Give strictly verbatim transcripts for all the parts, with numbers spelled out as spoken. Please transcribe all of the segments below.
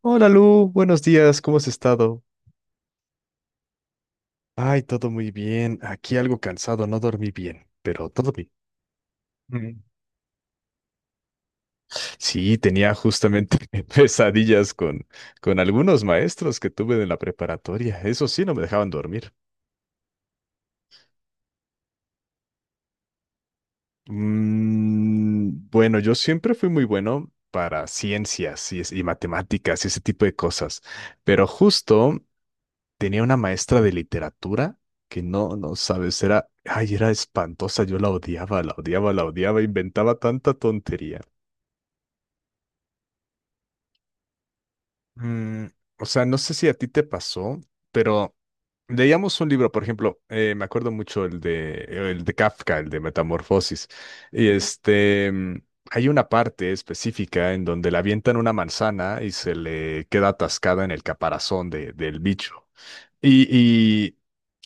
Hola Lu, buenos días, ¿cómo has estado? Ay, todo muy bien. Aquí algo cansado, no dormí bien, pero todo bien. Mm. Sí, tenía justamente pesadillas con, con algunos maestros que tuve en la preparatoria. Eso sí, no me dejaban dormir. Mm, bueno, yo siempre fui muy bueno para ciencias y, es- y matemáticas y ese tipo de cosas, pero justo tenía una maestra de literatura que no, no sabes, era, ay, era espantosa, yo la odiaba, la odiaba, la odiaba, inventaba tanta tontería. Mm, o sea, no sé si a ti te pasó, pero leíamos un libro, por ejemplo, eh, me acuerdo mucho el de, el de Kafka, el de Metamorfosis, y este, mm, hay una parte específica en donde le avientan una manzana y se le queda atascada en el caparazón de- del bicho. Y, y,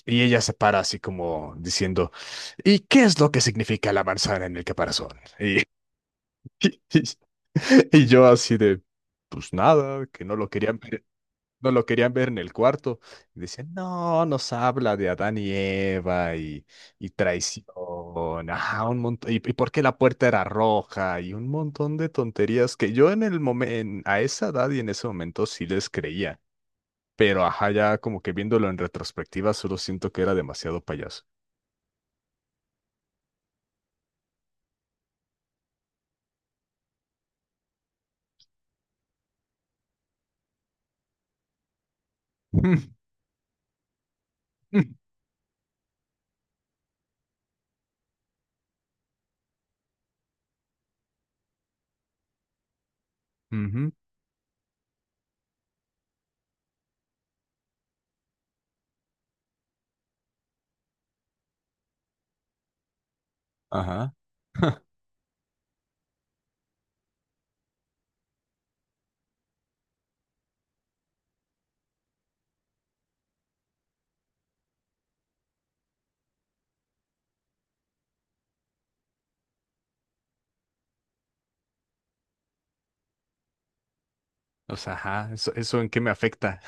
y ella se para así como diciendo, ¿y qué es lo que significa la manzana en el caparazón? Y, y, y yo así de, pues nada, que no lo querían ver, no lo querían ver en el cuarto. Y decían, no, nos habla de Adán y Eva y, y traición, ajá, un montón, y, y por qué la puerta era roja y un montón de tonterías que yo en el momento, a esa edad y en ese momento sí les creía, pero ajá, ya como que viéndolo en retrospectiva, solo siento que era demasiado payaso. Ujú. Ajá. O sea, ajá, eso, eso en qué me afecta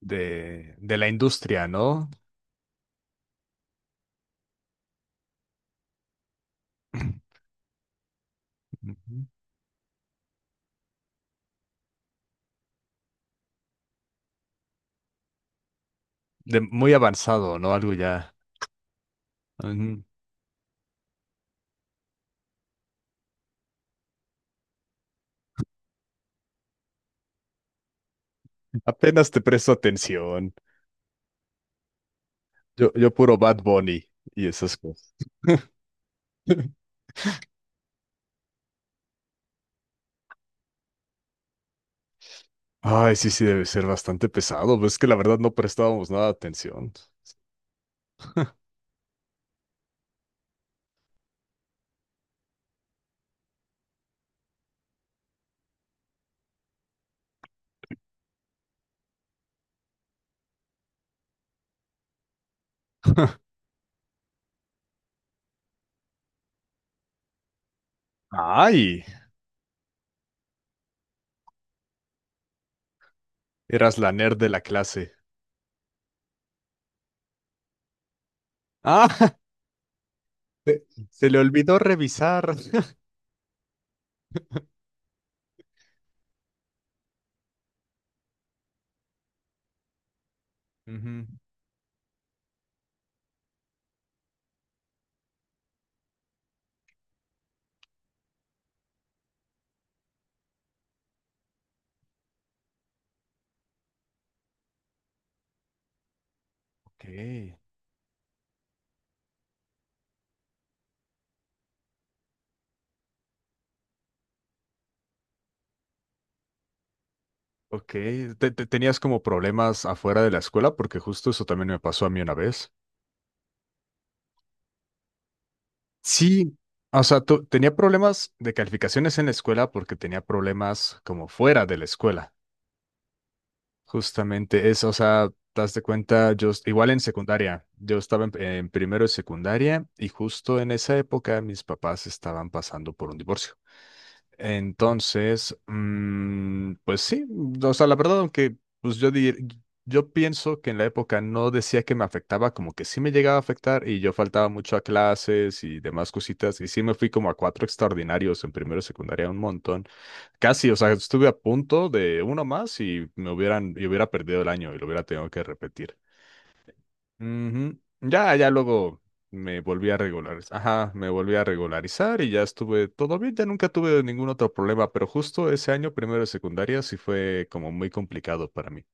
de, de la industria, ¿no? Ujú. De muy avanzado, ¿no? Algo ya. Ujú. Apenas te presto atención. Yo, yo puro Bad Bunny y esas cosas. Ay, sí, sí, debe ser bastante pesado. Pues es que la verdad no prestábamos nada de atención. Ay, eras la nerd de la clase. Ah, Se, se le olvidó revisar. Ujú. Ok, ok. Te- te- ¿Tenías como problemas afuera de la escuela? Porque justo eso también me pasó a mí una vez. Sí, o sea, tu- tenía problemas de calificaciones en la escuela porque tenía problemas como fuera de la escuela. Justamente eso, o sea, te das de cuenta, yo est- igual en secundaria, yo estaba en, en primero de secundaria y justo en esa época mis papás estaban pasando por un divorcio. Entonces, mm, pues sí, o sea, la verdad, aunque pues yo, dir- yo pienso que en la época no decía que me afectaba, como que sí me llegaba a afectar y yo faltaba mucho a clases y demás cositas y sí me fui como a cuatro extraordinarios en primero y secundaria un montón, casi, o sea, estuve a punto de uno más y me hubieran, y hubiera perdido el año y lo hubiera tenido que repetir. Ujú. Ya, ya luego me volví a regularizar. Ajá, me volví a regularizar y ya estuve todo bien, ya nunca tuve ningún otro problema, pero justo ese año, primero de secundaria, sí fue como muy complicado para mí.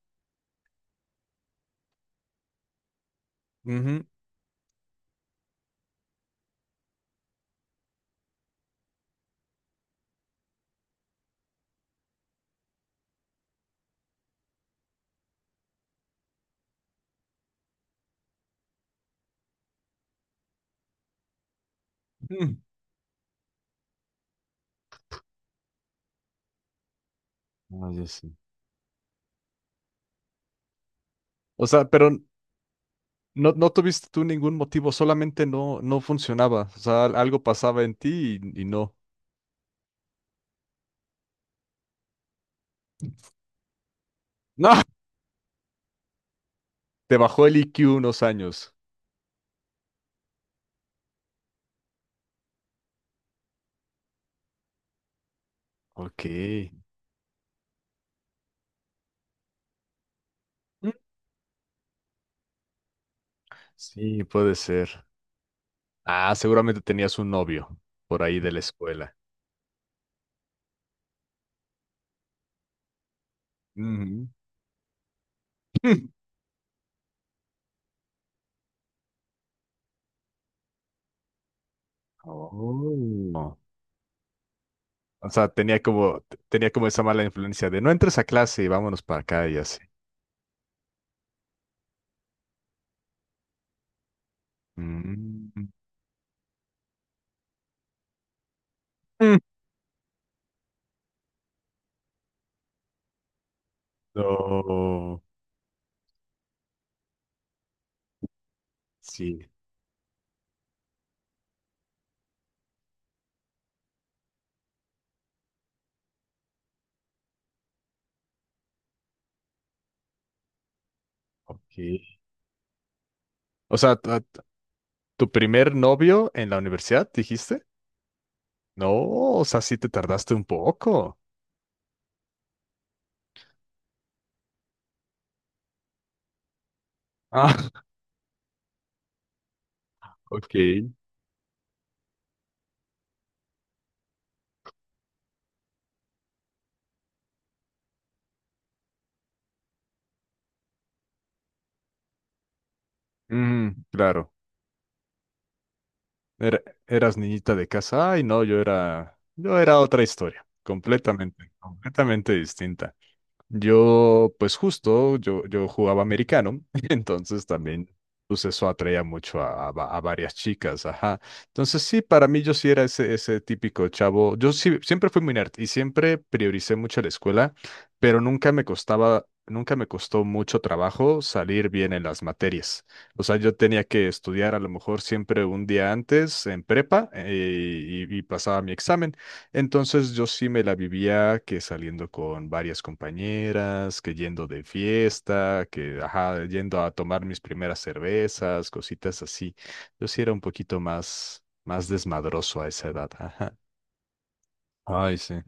Ujú. Mm. Ah, ya sé. O sea, pero no, no tuviste tú ningún motivo, solamente no, no funcionaba. O sea, al- algo pasaba en ti y, y no. No. Te bajó el I Q unos años. Ok. Mm. Sí, puede ser. Ah, seguramente tenías un novio por ahí de la escuela. Ujú. Oh. O sea, tenía como, tenía como esa mala influencia de no entres a clase y vámonos para acá y así. Mm. Mm. No. Sí, ok. O sea, tu tu primer novio en la universidad, ¿dijiste? No, o sea, sí te tardaste un poco. Ah, ok. Mm, claro. Era- eras niñita de casa. Ay, no, yo era, yo era otra historia, completamente, completamente distinta. Yo, pues justo, yo, yo jugaba americano, entonces también, pues eso atraía mucho a, a va- a varias chicas, ajá. Entonces sí, para mí yo sí era ese, ese típico chavo. Yo sí, siempre fui muy nerd y siempre prioricé mucho la escuela, pero nunca me costaba, nunca me costó mucho trabajo salir bien en las materias. O sea, yo tenía que estudiar a lo mejor siempre un día antes en prepa eh, y y pasaba mi examen. Entonces yo sí me la vivía que saliendo con varias compañeras, que yendo de fiesta, que ajá, yendo a tomar mis primeras cervezas, cositas así. Yo sí era un poquito más, más desmadroso a esa edad. Ajá. Ay, sí.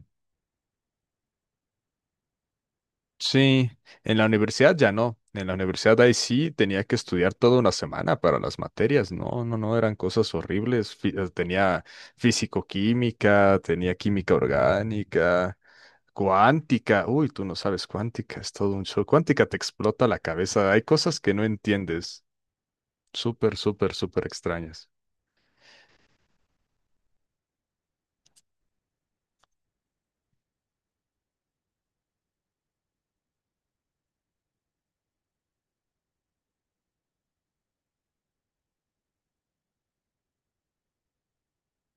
Sí, en la universidad ya no. En la universidad ahí sí tenía que estudiar toda una semana para las materias. No, no, no, eran cosas horribles. Fí- eh, Tenía físico-química, tenía química orgánica, cuántica. Uy, tú no sabes cuántica, es todo un show. Cuántica te explota la cabeza. Hay cosas que no entiendes. Súper, súper, súper extrañas.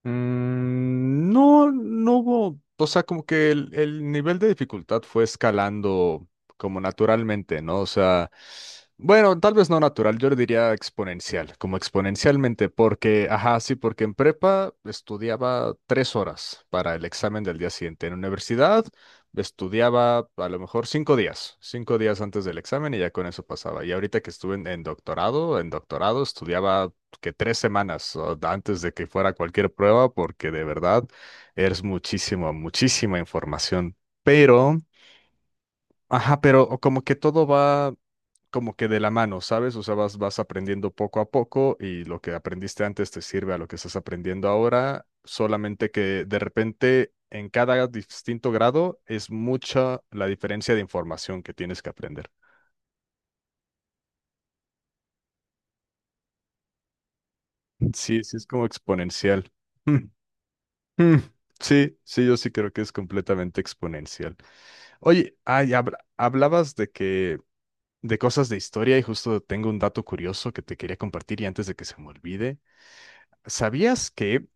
Mm, no, no hubo, o sea, como que el, el nivel de dificultad fue escalando como naturalmente, ¿no? O sea, bueno, tal vez no natural, yo le diría exponencial, como exponencialmente, porque, ajá, sí, porque en prepa estudiaba tres horas para el examen del día siguiente. En universidad estudiaba a lo mejor cinco días, cinco días antes del examen y ya con eso pasaba. Y ahorita que estuve en, en doctorado, en doctorado estudiaba que tres semanas o antes de que fuera cualquier prueba, porque de verdad es muchísimo, muchísima información. Pero, ajá, pero como que todo va como que de la mano, ¿sabes? O sea, vas, vas aprendiendo poco a poco y lo que aprendiste antes te sirve a lo que estás aprendiendo ahora, solamente que de repente en cada distinto grado es mucha la diferencia de información que tienes que aprender. Sí, sí, es como exponencial. Mm, sí, sí, yo sí creo que es completamente exponencial. Oye, ay, habla- hablabas de que de cosas de historia y justo tengo un dato curioso que te quería compartir y antes de que se me olvide, ¿sabías que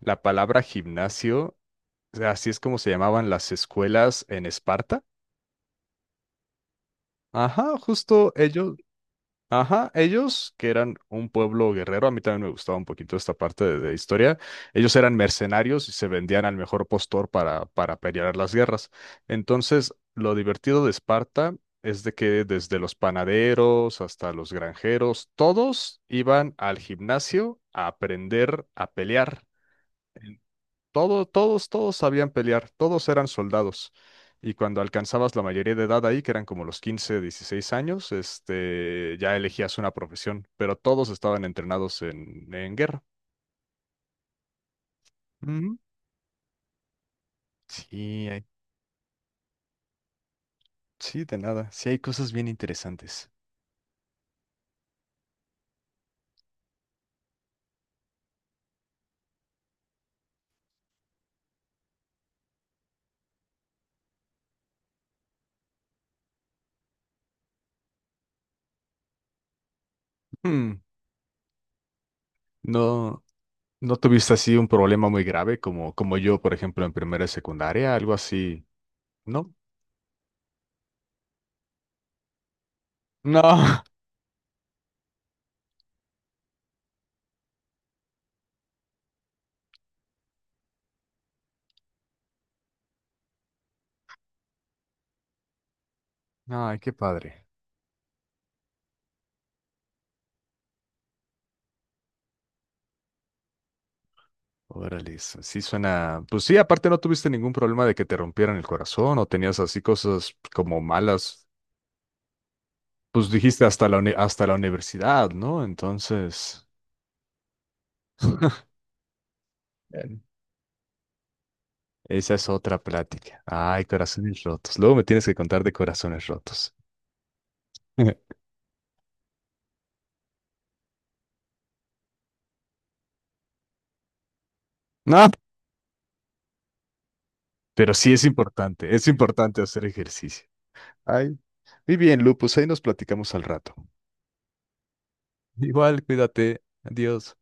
la palabra gimnasio, así es como se llamaban las escuelas en Esparta? Ajá, justo ellos. Ajá, ellos que eran un pueblo guerrero, a mí también me gustaba un poquito esta parte de, de historia, ellos eran mercenarios y se vendían al mejor postor para, para pelear las guerras. Entonces, lo divertido de Esparta es de que desde los panaderos hasta los granjeros, todos iban al gimnasio a aprender a pelear. Todo- todos, todos sabían pelear, todos eran soldados. Y cuando alcanzabas la mayoría de edad ahí, que eran como los quince, dieciséis años, este, ya elegías una profesión, pero todos estaban entrenados en, en guerra. Ujú. Sí, hay- sí, de nada. Sí, hay cosas bien interesantes. Hmm, No, no tuviste así un problema muy grave como, como yo, por ejemplo, en primera y secundaria, algo así, ¿no? No. Ay, qué padre. Órale, eso sí suena. Pues sí, aparte no tuviste ningún problema de que te rompieran el corazón o tenías así cosas como malas. Pues dijiste hasta la uni- hasta la universidad, ¿no? Entonces. Bueno, esa es otra plática. Ay, corazones rotos. Luego me tienes que contar de corazones rotos. No, pero sí es importante, es importante hacer ejercicio. Ay. Muy bien, Lu, pues ahí nos platicamos al rato. Igual, cuídate. Adiós.